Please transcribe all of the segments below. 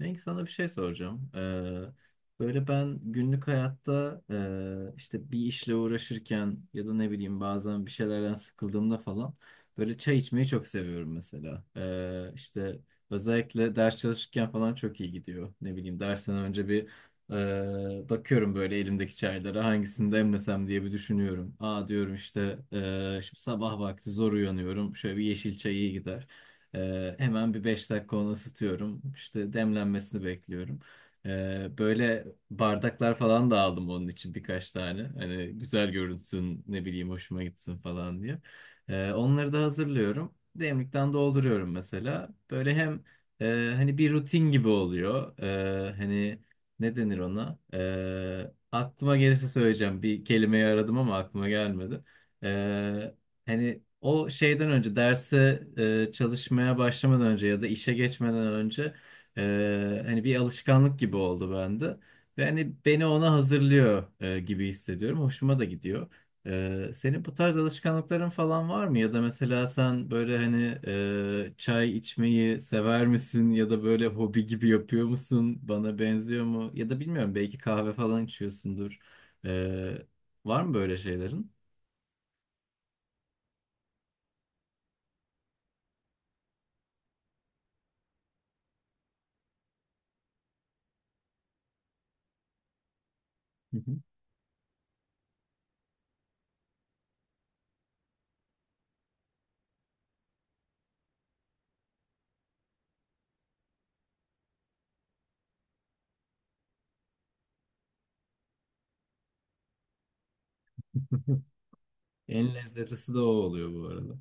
Belki sana bir şey soracağım. Böyle ben günlük hayatta işte bir işle uğraşırken ya da ne bileyim bazen bir şeylerden sıkıldığımda falan böyle çay içmeyi çok seviyorum mesela. İşte özellikle ders çalışırken falan çok iyi gidiyor. Ne bileyim dersten önce bir bakıyorum böyle elimdeki çaylara hangisini demlesem diye bir düşünüyorum. Aa diyorum işte şimdi sabah vakti zor uyanıyorum, şöyle bir yeşil çay iyi gider. Hemen bir 5 dakika onu ısıtıyorum. İşte demlenmesini bekliyorum. Böyle bardaklar falan da aldım onun için birkaç tane. Hani güzel görünsün, ne bileyim hoşuma gitsin falan diye. Onları da hazırlıyorum. Demlikten dolduruyorum mesela. Böyle hem hani bir rutin gibi oluyor. Hani ne denir ona? Aklıma gelirse söyleyeceğim. Bir kelimeyi aradım ama aklıma gelmedi. Hani o şeyden önce derse çalışmaya başlamadan önce ya da işe geçmeden önce hani bir alışkanlık gibi oldu bende. Ve hani beni ona hazırlıyor gibi hissediyorum. Hoşuma da gidiyor. Senin bu tarz alışkanlıkların falan var mı? Ya da mesela sen böyle hani çay içmeyi sever misin? Ya da böyle hobi gibi yapıyor musun? Bana benziyor mu? Ya da bilmiyorum, belki kahve falan içiyorsundur. E, Var mı böyle şeylerin? Hı hı. En lezzetlisi de o oluyor bu arada.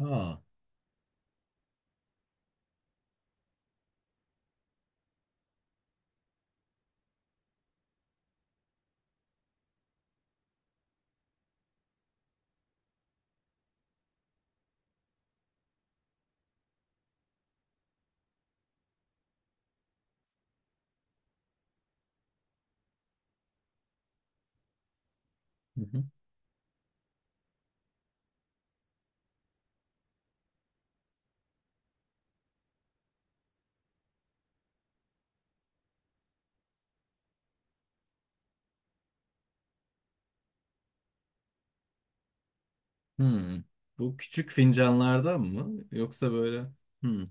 Aa. Hı hı. Hmm. Bu küçük fincanlardan mı? Yoksa böyle... Hmm.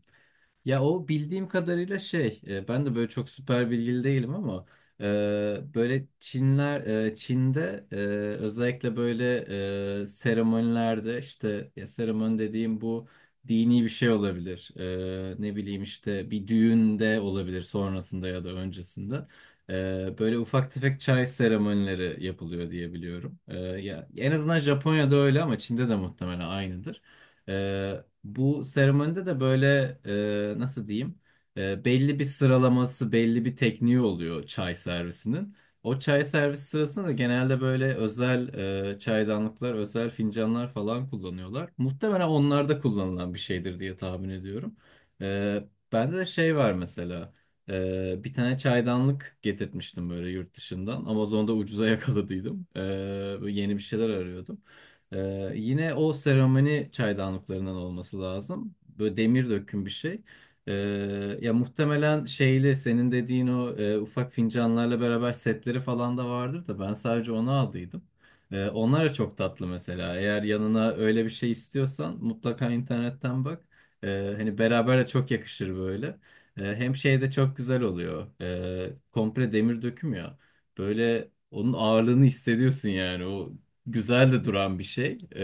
Ya o bildiğim kadarıyla şey, ben de böyle çok süper bilgili değilim ama e, böyle Çinler, Çin'de, özellikle böyle seremonilerde, işte ya seremoni dediğim bu dini bir şey olabilir. Ne bileyim işte bir düğünde olabilir, sonrasında ya da öncesinde. Böyle ufak tefek çay seremonileri yapılıyor diye biliyorum. E, ya en azından Japonya'da öyle ama Çin'de de muhtemelen aynıdır. Bu seremonide de böyle nasıl diyeyim? Belli bir sıralaması, belli bir tekniği oluyor çay servisinin. O çay servisi sırasında da genelde böyle özel çaydanlıklar, özel fincanlar falan kullanıyorlar. Muhtemelen onlarda kullanılan bir şeydir diye tahmin ediyorum. Ee, Bende de şey var mesela. Bir tane çaydanlık getirtmiştim böyle yurt dışından. Amazon'da ucuza yakaladıydım. Böyle yeni bir şeyler arıyordum. Yine o seramani çaydanlıklarından olması lazım. Böyle demir döküm bir şey. Ee, Ya muhtemelen şeyle senin dediğin o ufak fincanlarla beraber setleri falan da vardır da ben sadece onu aldıydım. Onlar da çok tatlı mesela. Eğer yanına öyle bir şey istiyorsan mutlaka internetten bak. Hani beraber de çok yakışır böyle. Hem şey de çok güzel oluyor. Komple demir döküm ya. Böyle onun ağırlığını hissediyorsun yani. O güzel de duran bir şey.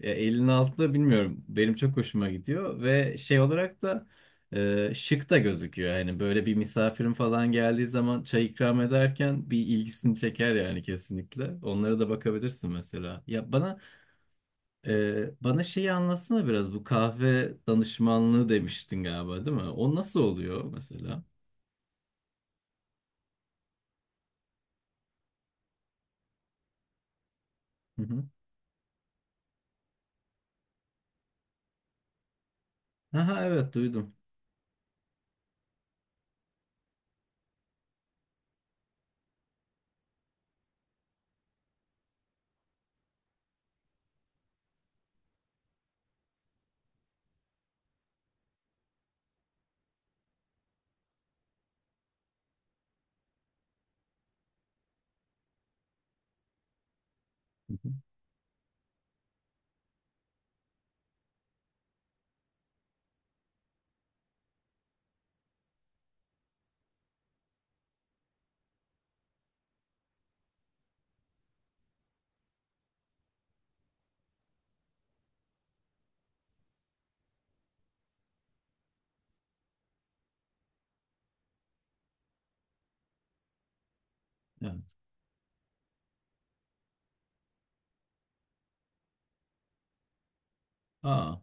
Ya elin altında, bilmiyorum. Benim çok hoşuma gidiyor ve şey olarak da şık da gözüküyor. Hani böyle bir misafirin falan geldiği zaman çay ikram ederken bir ilgisini çeker yani kesinlikle. Onlara da bakabilirsin mesela. Bana şeyi anlatsana biraz. Bu kahve danışmanlığı demiştin galiba, değil mi? O nasıl oluyor mesela? Hı hı. Aha, evet, duydum. Hı hı. Evet. Aa,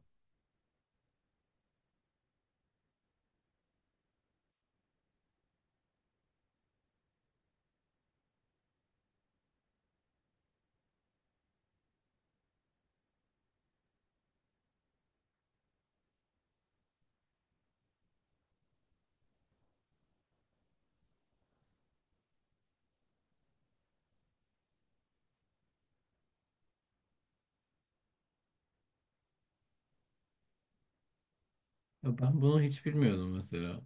ya ben bunu hiç bilmiyordum mesela.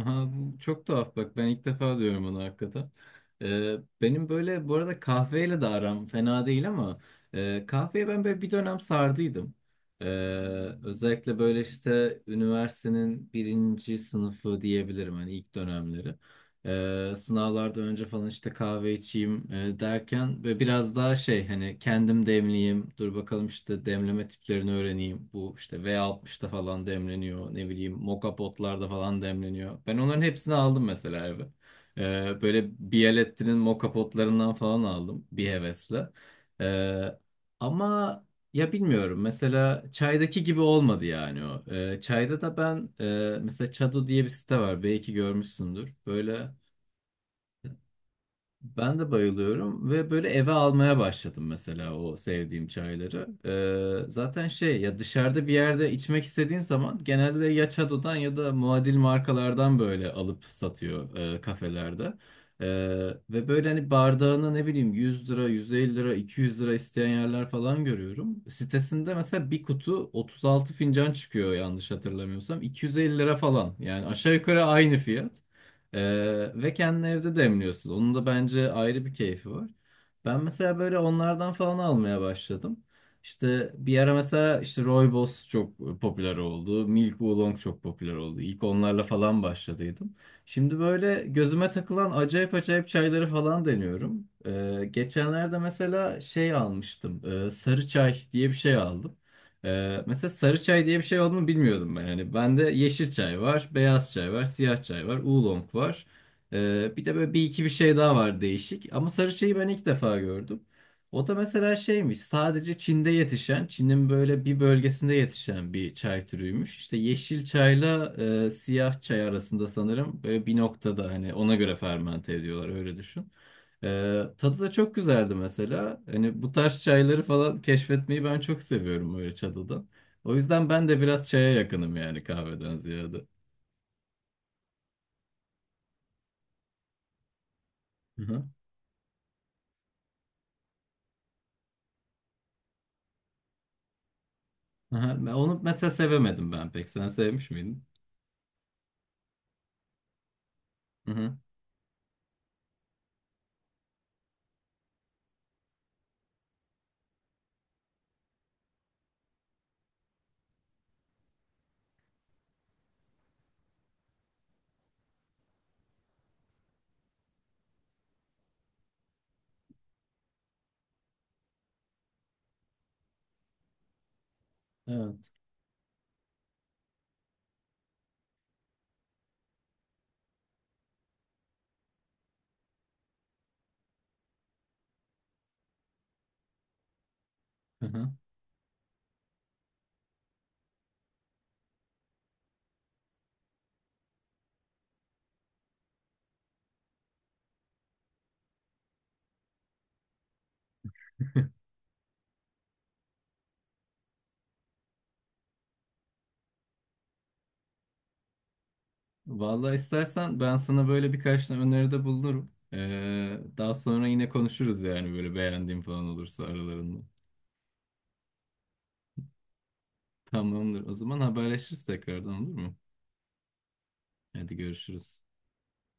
Aha, bu çok tuhaf bak, ben ilk defa diyorum onu hakikaten. Benim böyle bu arada kahveyle de aram fena değil ama kahveye ben böyle bir dönem sardıydım. Ee, Özellikle böyle işte üniversitenin birinci sınıfı diyebilirim, hani ilk dönemleri. Sınavlarda önce falan işte kahve içeyim derken, ve biraz daha şey, hani kendim demleyeyim, dur bakalım işte demleme tiplerini öğreneyim, bu işte v altmışta falan demleniyor, ne bileyim moka potlarda falan demleniyor, ben onların hepsini aldım mesela eve. Böyle Bialetti'nin moka potlarından falan aldım bir hevesle. Ee, Ama ya bilmiyorum, mesela çaydaki gibi olmadı yani o. Çayda da ben, mesela Çado diye bir site var, belki görmüşsündür. Böyle ben de bayılıyorum ve böyle eve almaya başladım mesela o sevdiğim çayları. Zaten şey, ya dışarıda bir yerde içmek istediğin zaman genelde ya Çado'dan ya da muadil markalardan böyle alıp satıyor kafelerde. Ee, Ve böyle hani bardağına ne bileyim 100 lira, 150 lira, 200 lira isteyen yerler falan görüyorum. Sitesinde mesela bir kutu 36 fincan çıkıyor yanlış hatırlamıyorsam. 250 lira falan, yani aşağı yukarı aynı fiyat. Ve kendini evde demliyorsun. Onun da bence ayrı bir keyfi var. Ben mesela böyle onlardan falan almaya başladım. İşte bir ara mesela işte Rooibos çok popüler oldu. Milk Oolong çok popüler oldu. İlk onlarla falan başladıydım. Şimdi böyle gözüme takılan acayip acayip çayları falan deniyorum. Geçenlerde mesela şey almıştım. Sarı çay diye bir şey aldım. Mesela sarı çay diye bir şey olduğunu bilmiyordum ben. Hani bende yeşil çay var, beyaz çay var, siyah çay var, oolong var. Bir de böyle bir iki bir şey daha var değişik. Ama sarı çayı ben ilk defa gördüm. O da mesela şeymiş, sadece Çin'de yetişen, Çin'in böyle bir bölgesinde yetişen bir çay türüymüş. İşte yeşil çayla siyah çay arasında sanırım böyle bir noktada, hani ona göre fermente ediyorlar, öyle düşün. Tadı da çok güzeldi mesela. Hani bu tarz çayları falan keşfetmeyi ben çok seviyorum böyle çadıda. O yüzden ben de biraz çaya yakınım yani, kahveden ziyade. Hı hı. Aha, ben onu mesela sevemedim ben pek. Sen sevmiş miydin? Hı hı. Evet. Hı hı. Vallahi istersen ben sana böyle birkaç tane öneride bulunurum. Daha sonra yine konuşuruz yani, böyle beğendiğim falan olursa aralarında. Tamamdır. O zaman haberleşiriz tekrardan, olur mu? Hadi görüşürüz.